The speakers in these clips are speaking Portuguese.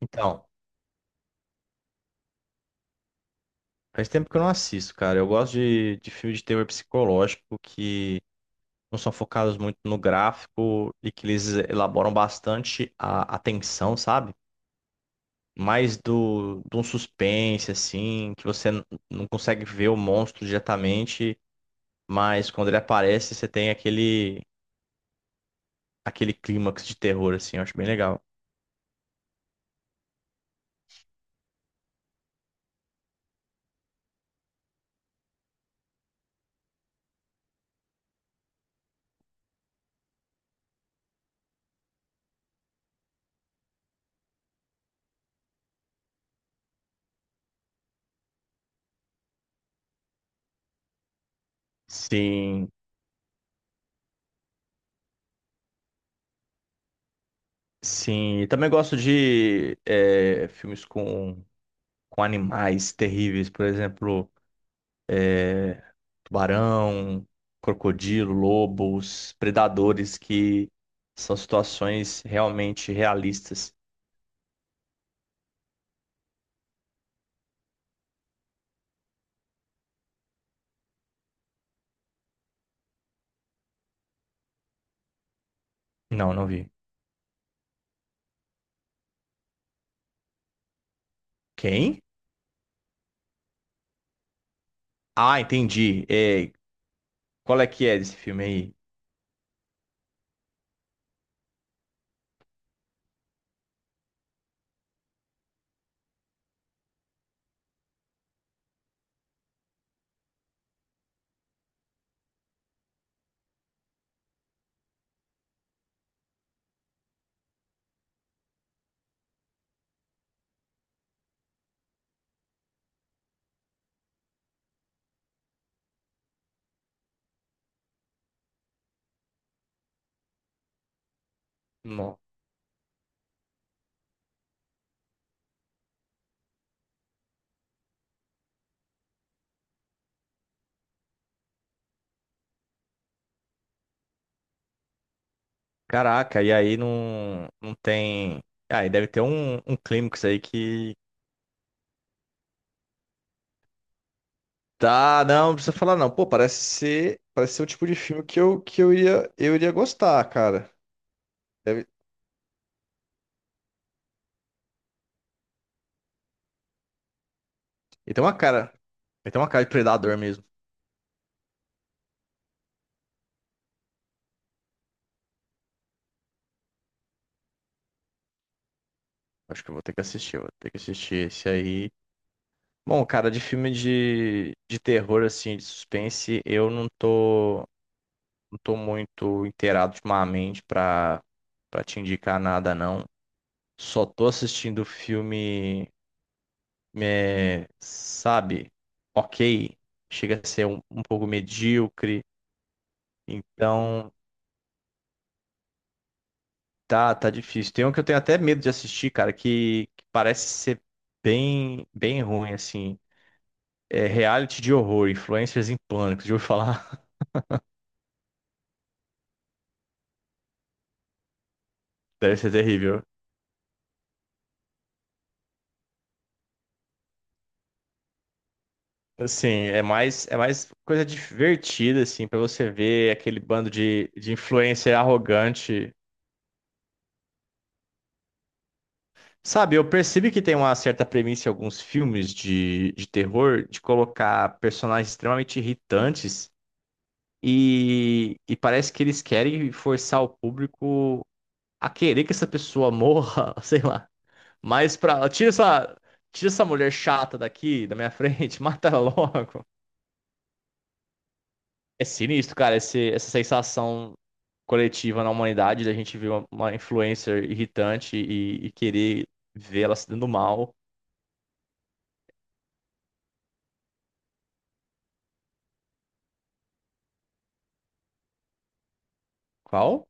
Então, faz tempo que eu não assisto, cara. Eu gosto de filmes de terror psicológico que não são focados muito no gráfico e que eles elaboram bastante a tensão, sabe? Mais de um suspense, assim, que não consegue ver o monstro diretamente, mas quando ele aparece, você tem aquele clímax de terror, assim. Eu acho bem legal. Sim, sim. E também gosto de filmes com animais terríveis, por exemplo. Tubarão, crocodilo, lobos, predadores, que são situações realmente realistas. Não, não vi. Quem? Ah, entendi. É, qual é que é desse filme aí? Não. Caraca, e aí não, não tem. Ah, e deve ter um, um clímax aí que. Tá, não, não precisa falar não. Pô, parece ser o tipo de filme que eu iria gostar, cara. Deve... Ele tem uma cara. Ele tem uma cara de predador mesmo. Acho que eu vou ter que assistir, vou ter que assistir esse aí. Bom, cara, de filme de terror, assim, de suspense, eu não tô, não tô muito inteirado ultimamente pra, pra te indicar nada, não. Só tô assistindo filme, é, sabe, ok, chega a ser um, um pouco medíocre, então tá, tá difícil. Tem um que eu tenho até medo de assistir, cara, que parece ser bem, bem ruim, assim. É, reality de horror, influencers em pânico, de eu falar, deve ser terrível. Assim, é mais coisa divertida, assim, pra você ver aquele bando de influencer arrogante. Sabe, eu percebi que tem uma certa premissa em alguns filmes de terror de colocar personagens extremamente irritantes e parece que eles querem forçar o público a querer que essa pessoa morra, sei lá. Mas pra. Tira essa. Tira essa mulher chata daqui, da minha frente, mata ela logo. É sinistro, cara, esse, essa sensação coletiva na humanidade da gente ver uma influencer irritante e querer ver ela se dando mal. Qual?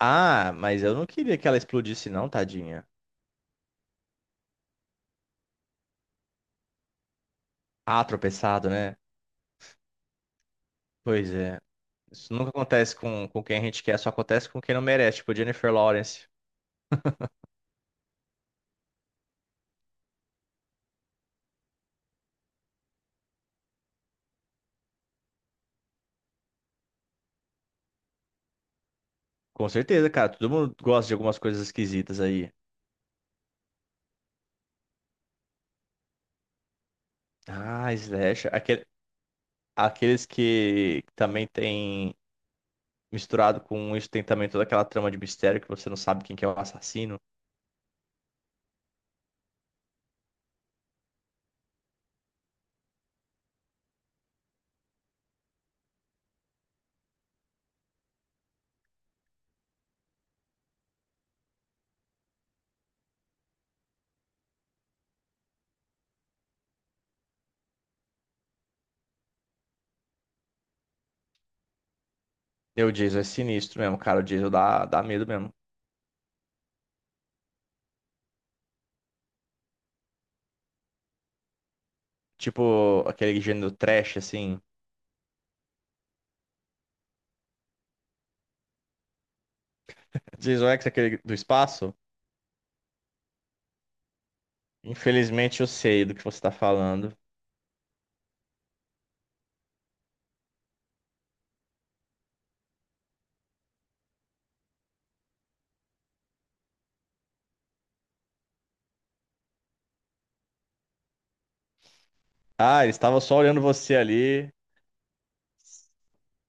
Ah, mas eu não queria que ela explodisse, não, tadinha. Ah, tropeçado, né? Pois é. Isso nunca acontece com quem a gente quer, só acontece com quem não merece, tipo Jennifer Lawrence. Com certeza, cara. Todo mundo gosta de algumas coisas esquisitas aí. Ah, slasher. Aquele, aqueles que também tem misturado com isso, tem também toda aquela trama de mistério que você não sabe quem que é o assassino. E o Jason é sinistro mesmo, cara. O Jason dá, dá medo mesmo. Tipo aquele gênero trash, assim. Jason X, aquele do espaço. Infelizmente eu sei do que você tá falando. Ah, ele estava só olhando você ali,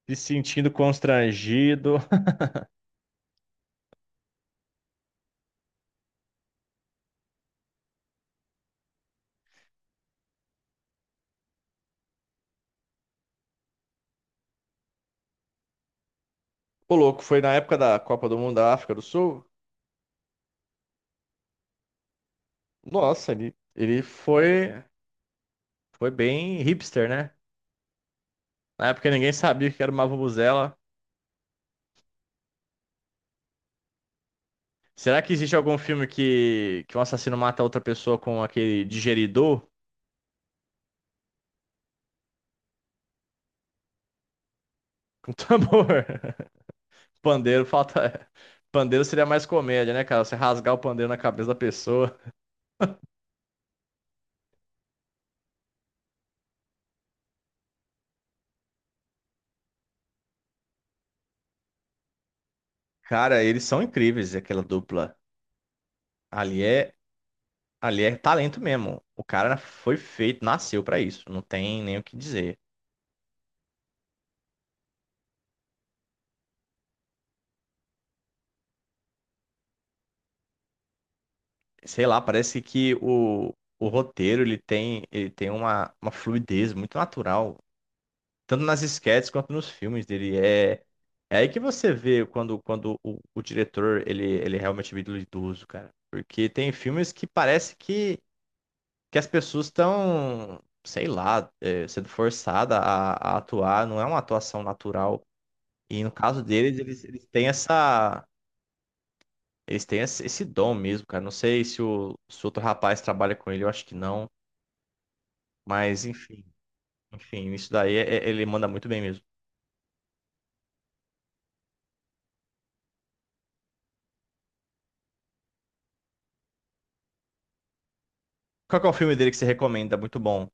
se sentindo constrangido. Ô, louco, foi na época da Copa do Mundo da África do Sul? Nossa, ele foi, foi bem hipster, né? Na época ninguém sabia o que era uma vuvuzela. Será que existe algum filme que um assassino mata outra pessoa com aquele digeridor? Com tambor? Pandeiro falta. Pandeiro seria mais comédia, né, cara? Você rasgar o pandeiro na cabeça da pessoa. Cara, eles são incríveis, aquela dupla. Ali é, ali é talento mesmo. O cara foi feito, nasceu pra isso. Não tem nem o que dizer. Sei lá, parece que o roteiro ele tem uma fluidez muito natural, tanto nas esquetes quanto nos filmes dele. É, é aí que você vê quando, quando o diretor ele, ele realmente é ídolo idoso, cara. Porque tem filmes que parece que as pessoas estão, sei lá, é, sendo forçadas a atuar, não é uma atuação natural. E no caso deles, eles têm essa. Eles têm esse esse dom mesmo, cara. Não sei se o, se outro rapaz trabalha com ele, eu acho que não. Mas enfim, enfim, isso daí é- é- ele manda muito bem mesmo. Qual que é o filme dele que você recomenda? Muito bom.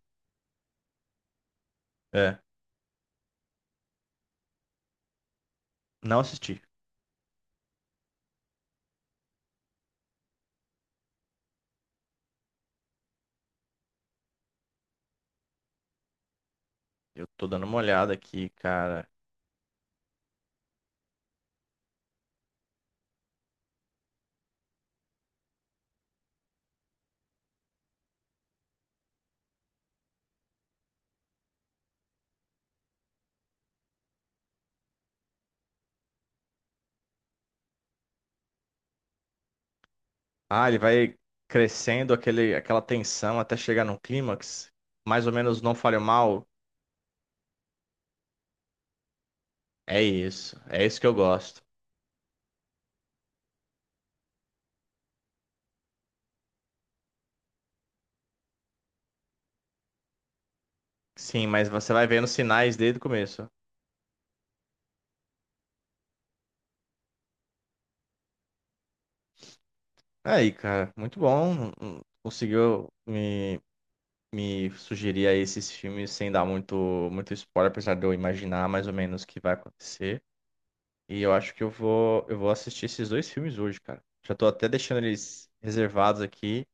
É. Não assisti. Eu tô dando uma olhada aqui, cara. Ah, ele vai crescendo aquele, aquela tensão até chegar num clímax. Mais ou menos não falha mal. É isso. É isso que eu gosto. Sim, mas você vai vendo sinais desde o começo. Aí, cara, muito bom. Conseguiu me, me sugerir aí esses filmes sem dar muito, muito spoiler, apesar de eu imaginar mais ou menos o que vai acontecer. E eu acho que eu vou assistir esses dois filmes hoje, cara. Já tô até deixando eles reservados aqui.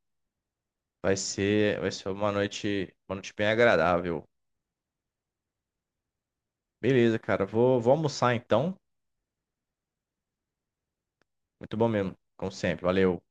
Vai ser uma noite bem agradável. Beleza, cara. Vou, vou almoçar então. Muito bom mesmo, como sempre. Valeu.